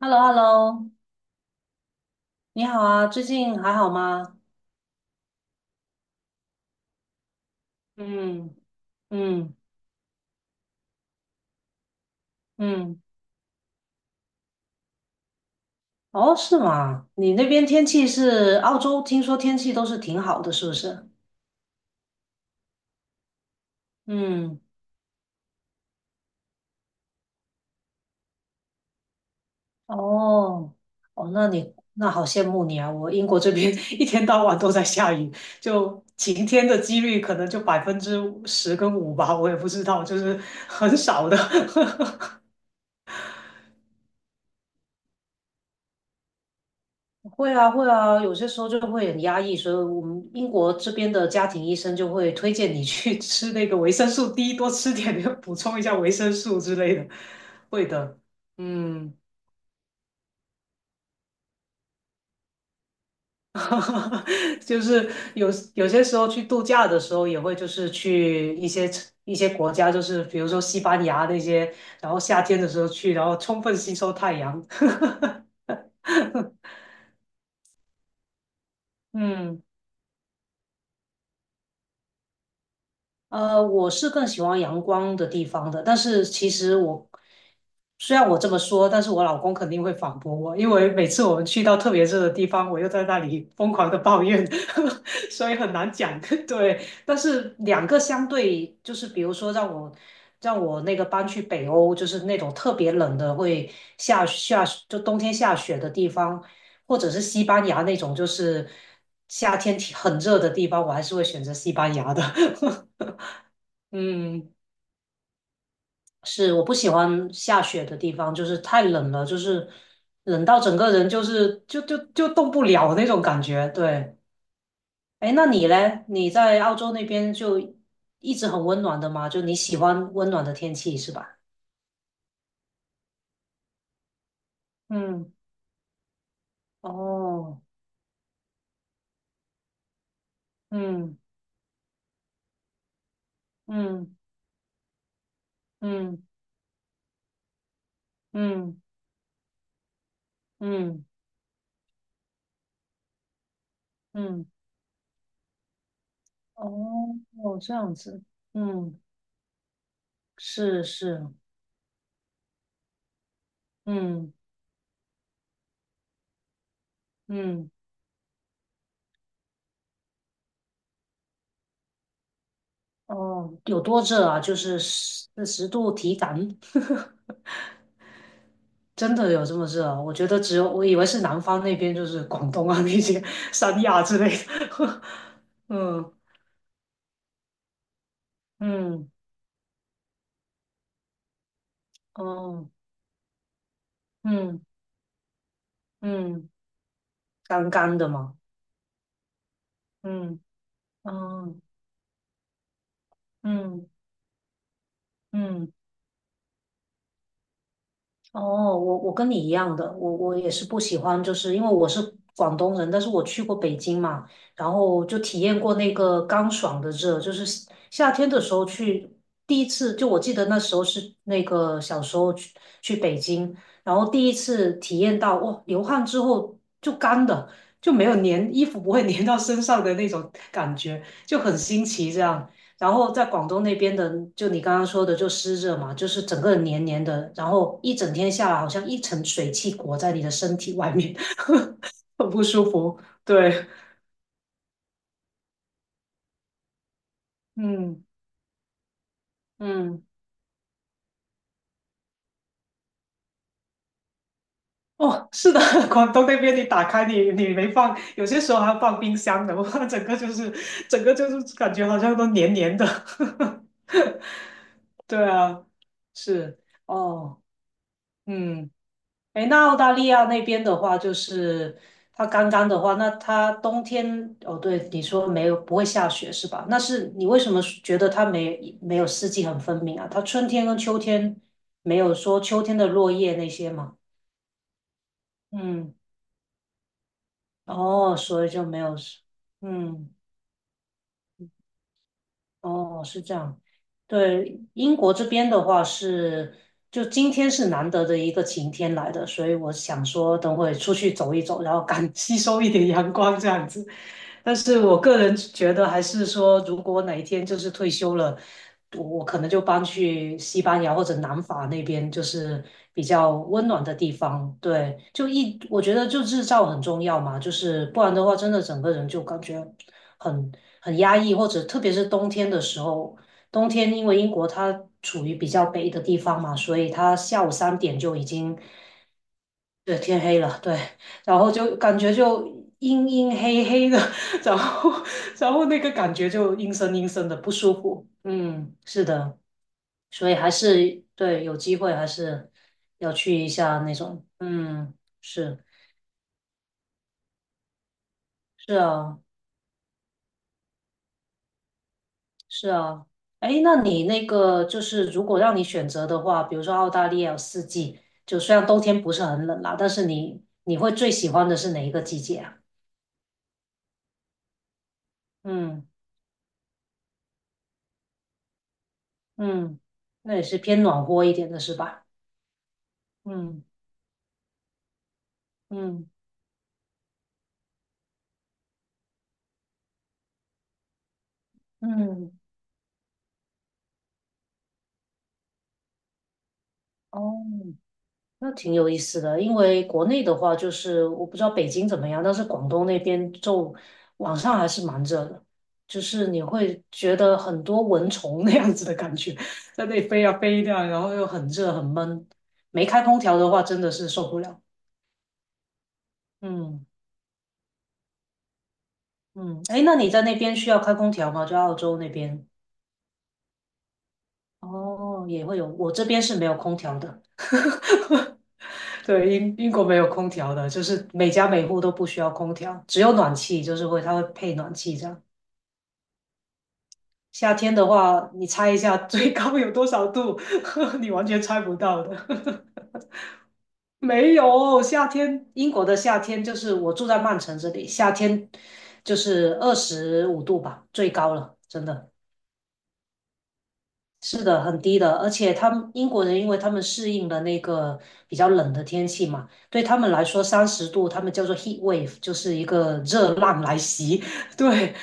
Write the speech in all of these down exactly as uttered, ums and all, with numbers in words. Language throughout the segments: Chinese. h e l l o h e l l o 你好啊，最近还好吗？嗯嗯嗯，哦，是吗？你那边天气是澳洲，听说天气都是挺好的，是不是？嗯，哦哦，那你那好羡慕你啊！我英国这边 一天到晚都在下雨，就晴天的几率可能就百分之十跟五吧，我也不知道，就是很少的。会啊，会啊，有些时候就会很压抑，所以我们英国这边的家庭医生就会推荐你去 吃那个维生素 D，多吃点，补充一下维生素之类的。会的，嗯，就是有有些时候去度假的时候，也会就是去一些一些国家，就是比如说西班牙那些，然后夏天的时候去，然后充分吸收太阳。嗯。呃，我是更喜欢阳光的地方的，但是其实我虽然我这么说，但是我老公肯定会反驳我，因为每次我们去到特别热的地方，我又在那里疯狂的抱怨，所以很难讲。对，但是两个相对，就是比如说让我让我那个搬去北欧，就是那种特别冷的，会下下就冬天下雪的地方，或者是西班牙那种，就是夏天挺很热的地方，我还是会选择西班牙的。嗯，是，我不喜欢下雪的地方，就是太冷了，就是冷到整个人就是就就就动不了那种感觉。对，哎，那你嘞？你在澳洲那边就一直很温暖的吗？就你喜欢温暖的天气是吧？嗯，哦，嗯嗯嗯嗯嗯嗯，哦，这样子，嗯，是是，嗯嗯。哦，有多热啊？就是四十度体感，真的有这么热啊？我觉得只有我以为是南方那边，就是广东啊 那些三亚之类的。嗯嗯哦嗯嗯，干干的嘛。嗯嗯嗯嗯。哦，我我跟你一样的，我我也是不喜欢，就是因为我是广东人，但是我去过北京嘛，然后就体验过那个干爽的热，就是夏夏天的时候去，第一次就我记得那时候是那个小时候去去北京，然后第一次体验到哇，流汗之后就干的，就没有粘，衣服不会粘到身上的那种感觉，就很新奇这样。然后在广东那边的，就你刚刚说的，就湿热嘛，就是整个人黏黏的，然后一整天下来，好像一层水汽裹在你的身体外面，很不舒服。对，嗯嗯，哦，是的，广东那边你打开你你没放，有些时候还要放冰箱的，我看整个就是整个就是感觉好像都黏黏的。对啊，是哦，嗯。哎，那澳大利亚那边的话，就是它刚刚的话，那它冬天，哦，对，你说没有不会下雪是吧？那是你为什么觉得它没没有四季很分明啊？它春天跟秋天没有说秋天的落叶那些吗？嗯，哦，所以就没有，嗯。哦，是这样。对，英国这边的话是，就今天是难得的一个晴天来的，所以我想说等会出去走一走，然后赶 吸收一点阳光这样子。但是我个人觉得，还是说如果哪一天就是退休了，我我可能就搬去西班牙或者南法那边，就是比较温暖的地方。对，就一我觉得就日照很重要嘛，就是不然的话，真的整个人就感觉。很很压抑，或者特别是冬天的时候，冬天因为英国它处于比较北的地方嘛，所以它下午三点就已经对天黑了，对，然后就感觉就阴阴黑黑的，然后然后那个感觉就阴森阴森的不舒服，嗯，是的，所以还是对有机会还是要去一下那种，嗯，是是啊。是啊，哎，那你那个就是如果让你选择的话，比如说澳大利亚有四季，就虽然冬天不是很冷啦，但是你你会最喜欢的是哪一个季节啊？嗯嗯，那也是偏暖和一点的是吧？嗯嗯嗯，哦，那挺有意思的，因为国内的话，就是我不知道北京怎么样，但是广东那边就晚上还是蛮热的，就是你会觉得很多蚊虫那样子的感觉，在那里飞啊飞呀、然后又很热很闷，没开空调的话真的是受不了。嗯嗯，哎，那你在那边需要开空调吗？就澳洲那边？哦，也会有，我这边是没有空调的。对，英英国没有空调的，就是每家每户都不需要空调，只有暖气，就是会它会配暖气这样。夏天的话，你猜一下最高有多少度？你完全猜不到的。没有，夏天英国的夏天就是我住在曼城这里，夏天就是二十五度吧，最高了，真的。是的，很低的，而且他们英国人，因为他们适应了那个比较冷的天气嘛，对他们来说，三十度他们叫做 heat wave，就是一个热浪来袭。对，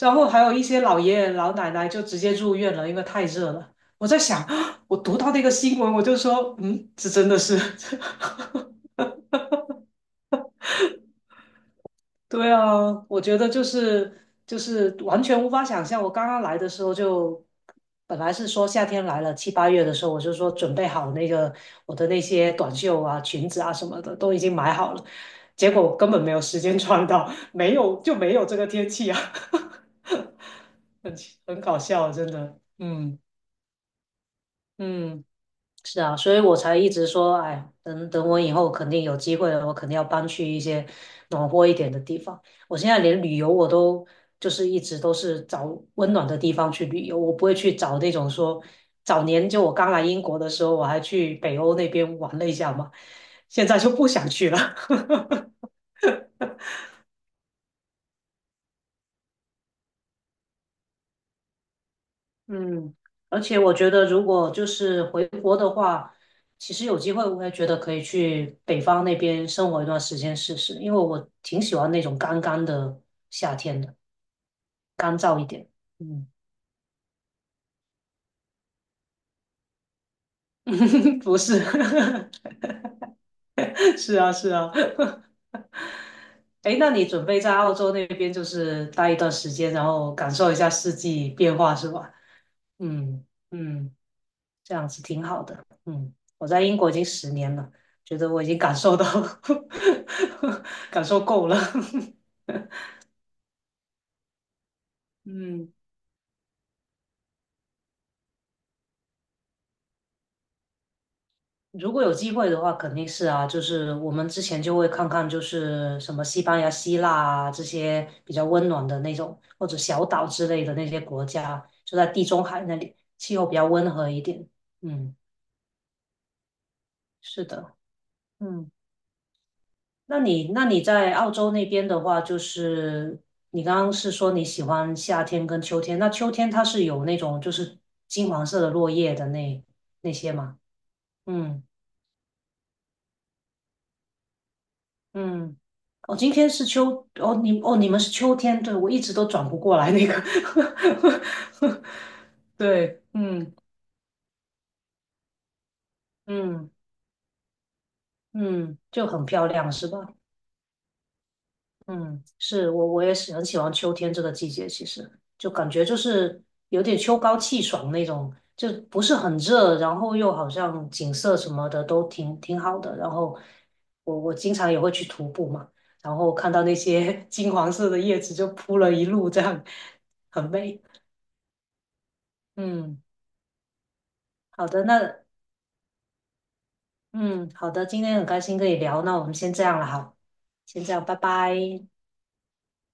然后还有一些老爷爷老奶奶就直接入院了，因为太热了。我在想，我读到那个新闻，我就说，嗯，这真的是 对啊，我觉得就是就是完全无法想象。我刚刚来的时候就，本来是说夏天来了七八月的时候，我就说准备好那个我的那些短袖啊、裙子啊什么的都已经买好了，结果根本没有时间穿到，没有就没有这个天气啊，很奇很搞笑啊，真的。嗯嗯。是啊，所以我才一直说，哎，等等我以后肯定有机会了，我肯定要搬去一些暖和一点的地方。我现在连旅游我都就是一直都是找温暖的地方去旅游，我不会去找那种说早年就我刚来英国的时候，我还去北欧那边玩了一下嘛，现在就不想去了。嗯，而且我觉得，如果就是回国的话，其实有机会，我也觉得可以去北方那边生活一段时间试试，因为我挺喜欢那种干干的夏天的，干燥一点。嗯，不是，是啊，是啊。哎，那你准备在澳洲那边就是待一段时间，然后感受一下四季变化是吧？嗯嗯。这样子挺好的。嗯，我在英国已经十年了，觉得我已经感受到 感受够了。嗯，如果有机会的话，肯定是啊，就是我们之前就会看看，就是什么西班牙、希腊啊这些比较温暖的那种，或者小岛之类的那些国家，就在地中海那里，气候比较温和一点。嗯，是的，嗯。那你那你在澳洲那边的话，就是你刚刚是说你喜欢夏天跟秋天，那秋天它是有那种就是金黄色的落叶的那那些吗？嗯嗯，哦，今天是秋，哦你哦你们是秋天，对，我一直都转不过来那个，对，嗯嗯嗯，就很漂亮是吧？嗯，是我我也是很喜欢秋天这个季节，其实就感觉就是有点秋高气爽那种，就不是很热，然后又好像景色什么的都挺挺好的。然后我我经常也会去徒步嘛，然后看到那些 金黄色的叶子就铺了一路，这样很美。嗯，好的，那嗯好的，今天很开心可以聊，那我们先这样了，哈，先这样，拜拜。